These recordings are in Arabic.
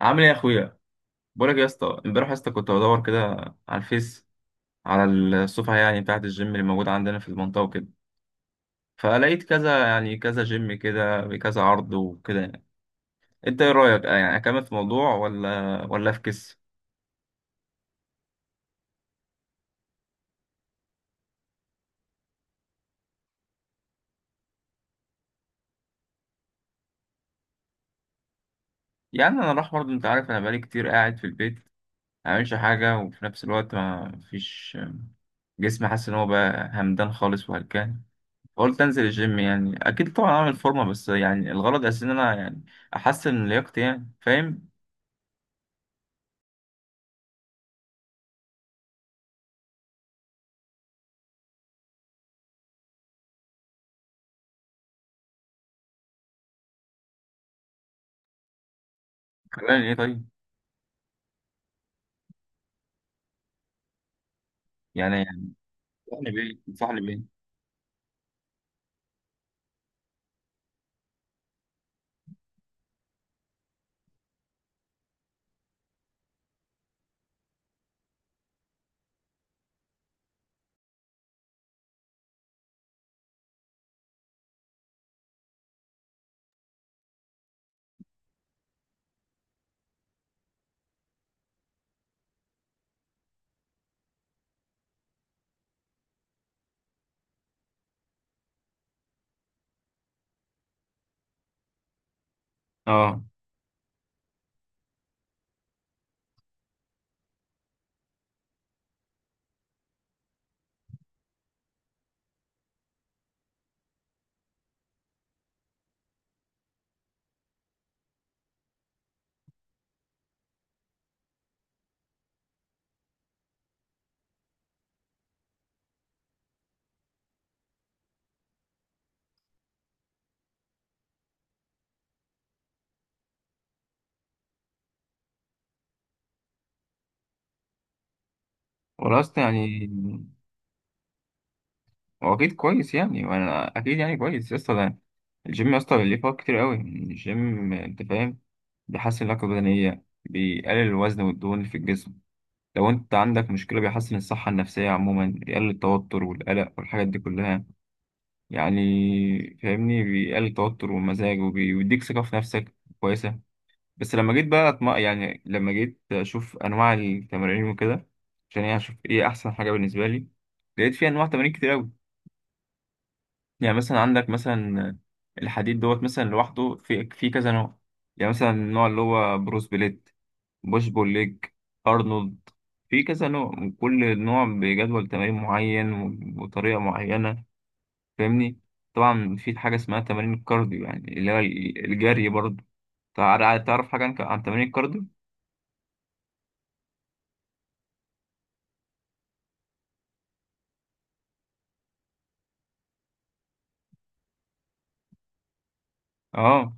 عامل ايه يا اخويا؟ بقولك يا اسطى، امبارح يا اسطى كنت بدور كده على الفيس، على الصفحه يعني بتاعه الجيم اللي موجوده عندنا في المنطقه وكده. فلقيت كذا يعني، كذا جيم كده بكذا عرض وكده. يعني انت ايه رايك، يعني اكمل في موضوع ولا افكس؟ يعني انا راح برضه، انت عارف انا بقالي كتير قاعد في البيت، ما بعملش حاجه، وفي نفس الوقت ما فيش. جسمي حاسس ان هو بقى همدان خالص وهلكان. فقلت انزل الجيم، يعني اكيد طبعا اعمل فورمه، بس يعني الغرض اساسا ان انا يعني احسن من لياقتي، يعني فاهم. خلاني ايه طيب؟ يعني انصحني بيه انصحني بيه. اه. ولاست يعني. هو اكيد كويس، يعني وانا اكيد يعني كويس يا اسطى. ده الجيم يا اسطى ليه فوائد كتير قوي الجيم، انت فاهم. بيحسن اللياقه البدنيه، بيقلل الوزن والدهون اللي في الجسم. لو انت عندك مشكله بيحسن الصحه النفسيه عموما، بيقلل التوتر والقلق والحاجات دي كلها. يعني فاهمني، بيقلل التوتر والمزاج، وبيديك ثقه في نفسك كويسه. بس لما جيت بقى يعني لما جيت اشوف انواع التمارين وكده، عشان يعني اشوف ايه احسن حاجه بالنسبه لي. لقيت في انواع تمارين كتير قوي. يعني مثلا عندك مثلا الحديد دوت مثلا لوحده في كذا نوع. يعني مثلا النوع اللي هو بروس بليت، بوش بول ليج، ارنولد. في كذا نوع، وكل نوع بجدول تمارين معين و- وطريقه معينه، فاهمني. طبعا في حاجه اسمها تمارين الكارديو، يعني اللي هو الجري برضه. تعرف حاجه عن تمارين الكارديو؟ اه.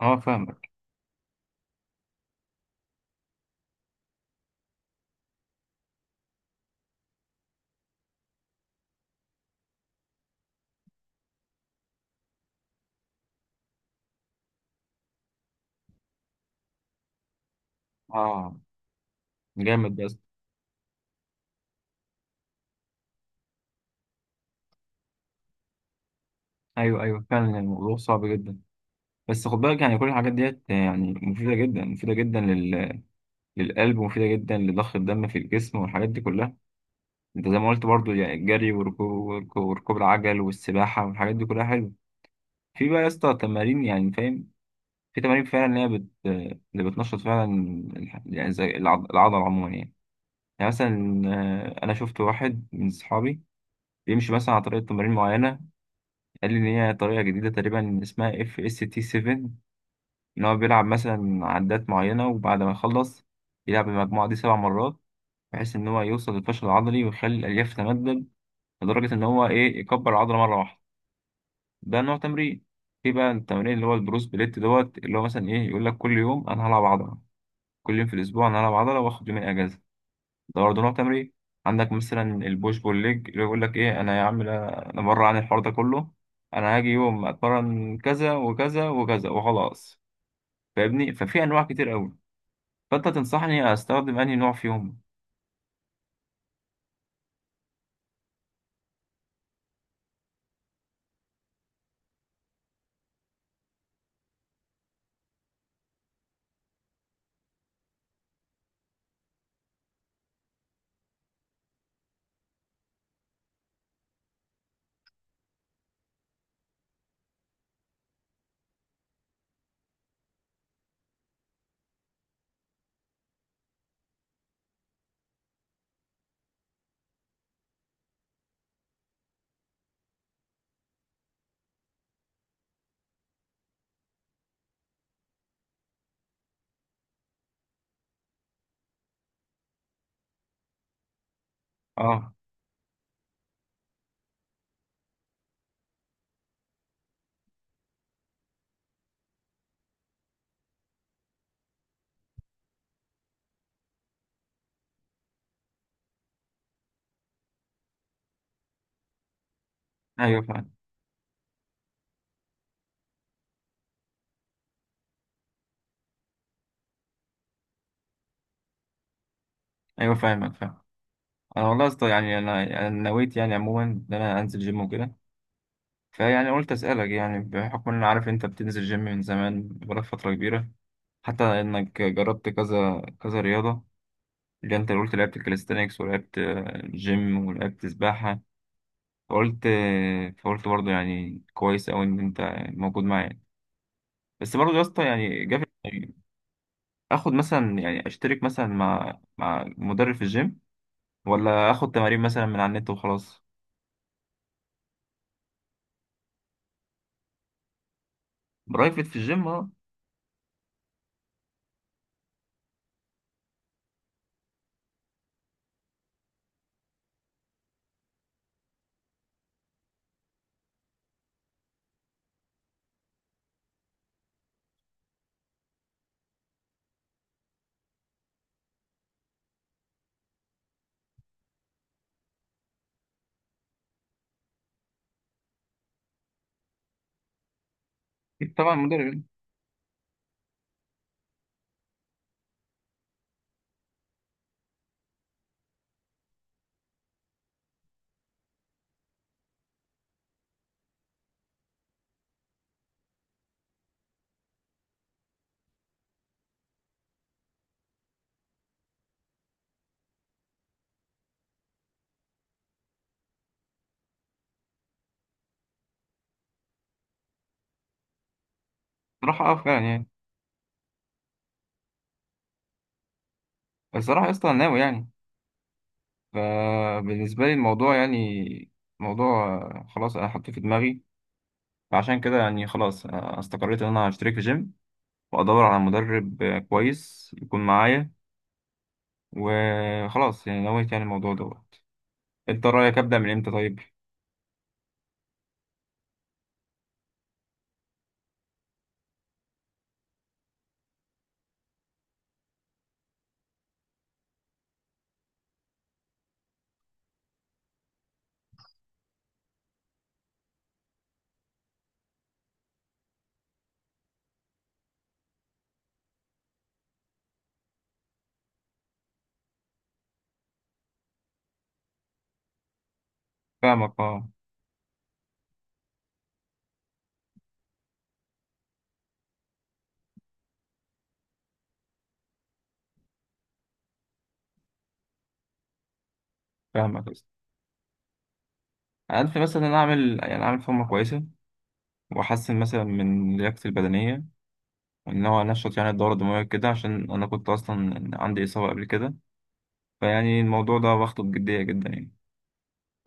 اه فاهمك. اه جامد بس. ايوه ايوه فعلا الموضوع صعب جدا. بس خد بالك يعني كل الحاجات ديت يعني مفيده جدا، مفيده جدا للقلب، ومفيده جدا لضخ الدم في الجسم والحاجات دي كلها. انت زي ما قلت برضو يعني الجري، وركوب العجل والسباحه والحاجات دي كلها حلوه. في بقى يا اسطى تمارين يعني فاهم، في تمارين فعلا اللي هي اللي بتنشط فعلا، يعني زي العضله عموما يعني. يعني مثلا انا شفت واحد من اصحابي بيمشي مثلا على طريقه تمارين معينه. قال لي إن هي طريقة جديدة تقريبا اسمها اف اس تي 7. إن هو بيلعب مثلا عدات معينة، وبعد ما يخلص يلعب المجموعة دي 7 مرات، بحيث إن هو يوصل للفشل العضلي ويخلي الألياف تتمدد، لدرجة إن هو إيه يكبر العضلة مرة واحدة. ده نوع تمرين. في بقى التمرين اللي هو البروس بليت دوت، اللي هو مثلا إيه يقول لك كل يوم أنا هلعب عضلة، كل يوم في الأسبوع أنا هلعب عضلة، وآخد يومين أجازة. ده برضه نوع تمرين. عندك مثلا البوش بول ليج، اللي يقول لك ايه: انا يا عم، انا بره عن الحوار ده كله، انا هاجي يوم اتمرن كذا وكذا وكذا وخلاص. فاهمني؟ ففي انواع كتير قوي، فانت تنصحني استخدم انهي نوع فيهم؟ اه ايوه فاهم. ايوه فاهمك فاهم. انا والله يا اسطى يعني انا نويت، يعني عموما، ان انا انزل جيم وكده. فيعني قلت اسالك، يعني بحكم ان انا عارف انت بتنزل جيم من زمان بقالك فتره كبيره، حتى انك جربت كذا كذا رياضه. اللي انت قلت لعبت كاليستانكس ولعبت جيم ولعبت سباحة. فقلت برضه يعني كويس أوي إن أنت موجود معايا. بس برضه يا اسطى يعني جافي يعني، آخد مثلا يعني أشترك مثلا مع مدرب في الجيم، ولا آخد تمارين مثلا من على النت وخلاص؟ برايفت في الجيم، أه. أكيد طبعا مدرب يعني. صراحة أه فعلا يعني. بس صراحة يا اسطى أنا ناوي يعني، فبالنسبة لي الموضوع يعني موضوع خلاص، أنا حطيته في دماغي. فعشان كده يعني خلاص استقريت إن أنا هشترك في جيم، وأدور على مدرب كويس يكون معايا، وخلاص يعني نويت يعني الموضوع دوت. أنت رأيك أبدأ من إمتى طيب؟ فاهمك أه. فاهمك بس، أنا أنت مثلا ان أنا أعمل، يعني أعمل فورمة كويسة، وأحسن مثلا من لياقتي البدنية، إن هو أنشط يعني الدورة الدموية كده، عشان أنا كنت أصلا عندي إصابة قبل كده. فيعني الموضوع ده واخده بجدية جدا يعني.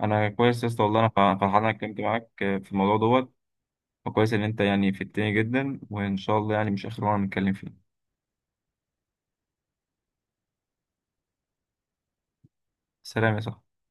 أنا كويس يا اسطى، والله أنا فرحان إني اتكلمت معاك في الموضوع دوت. وكويس إن أنت يعني فدتني جدا، وإن شاء الله يعني مش آخر مرة نتكلم فيه. سلام يا صاحبي.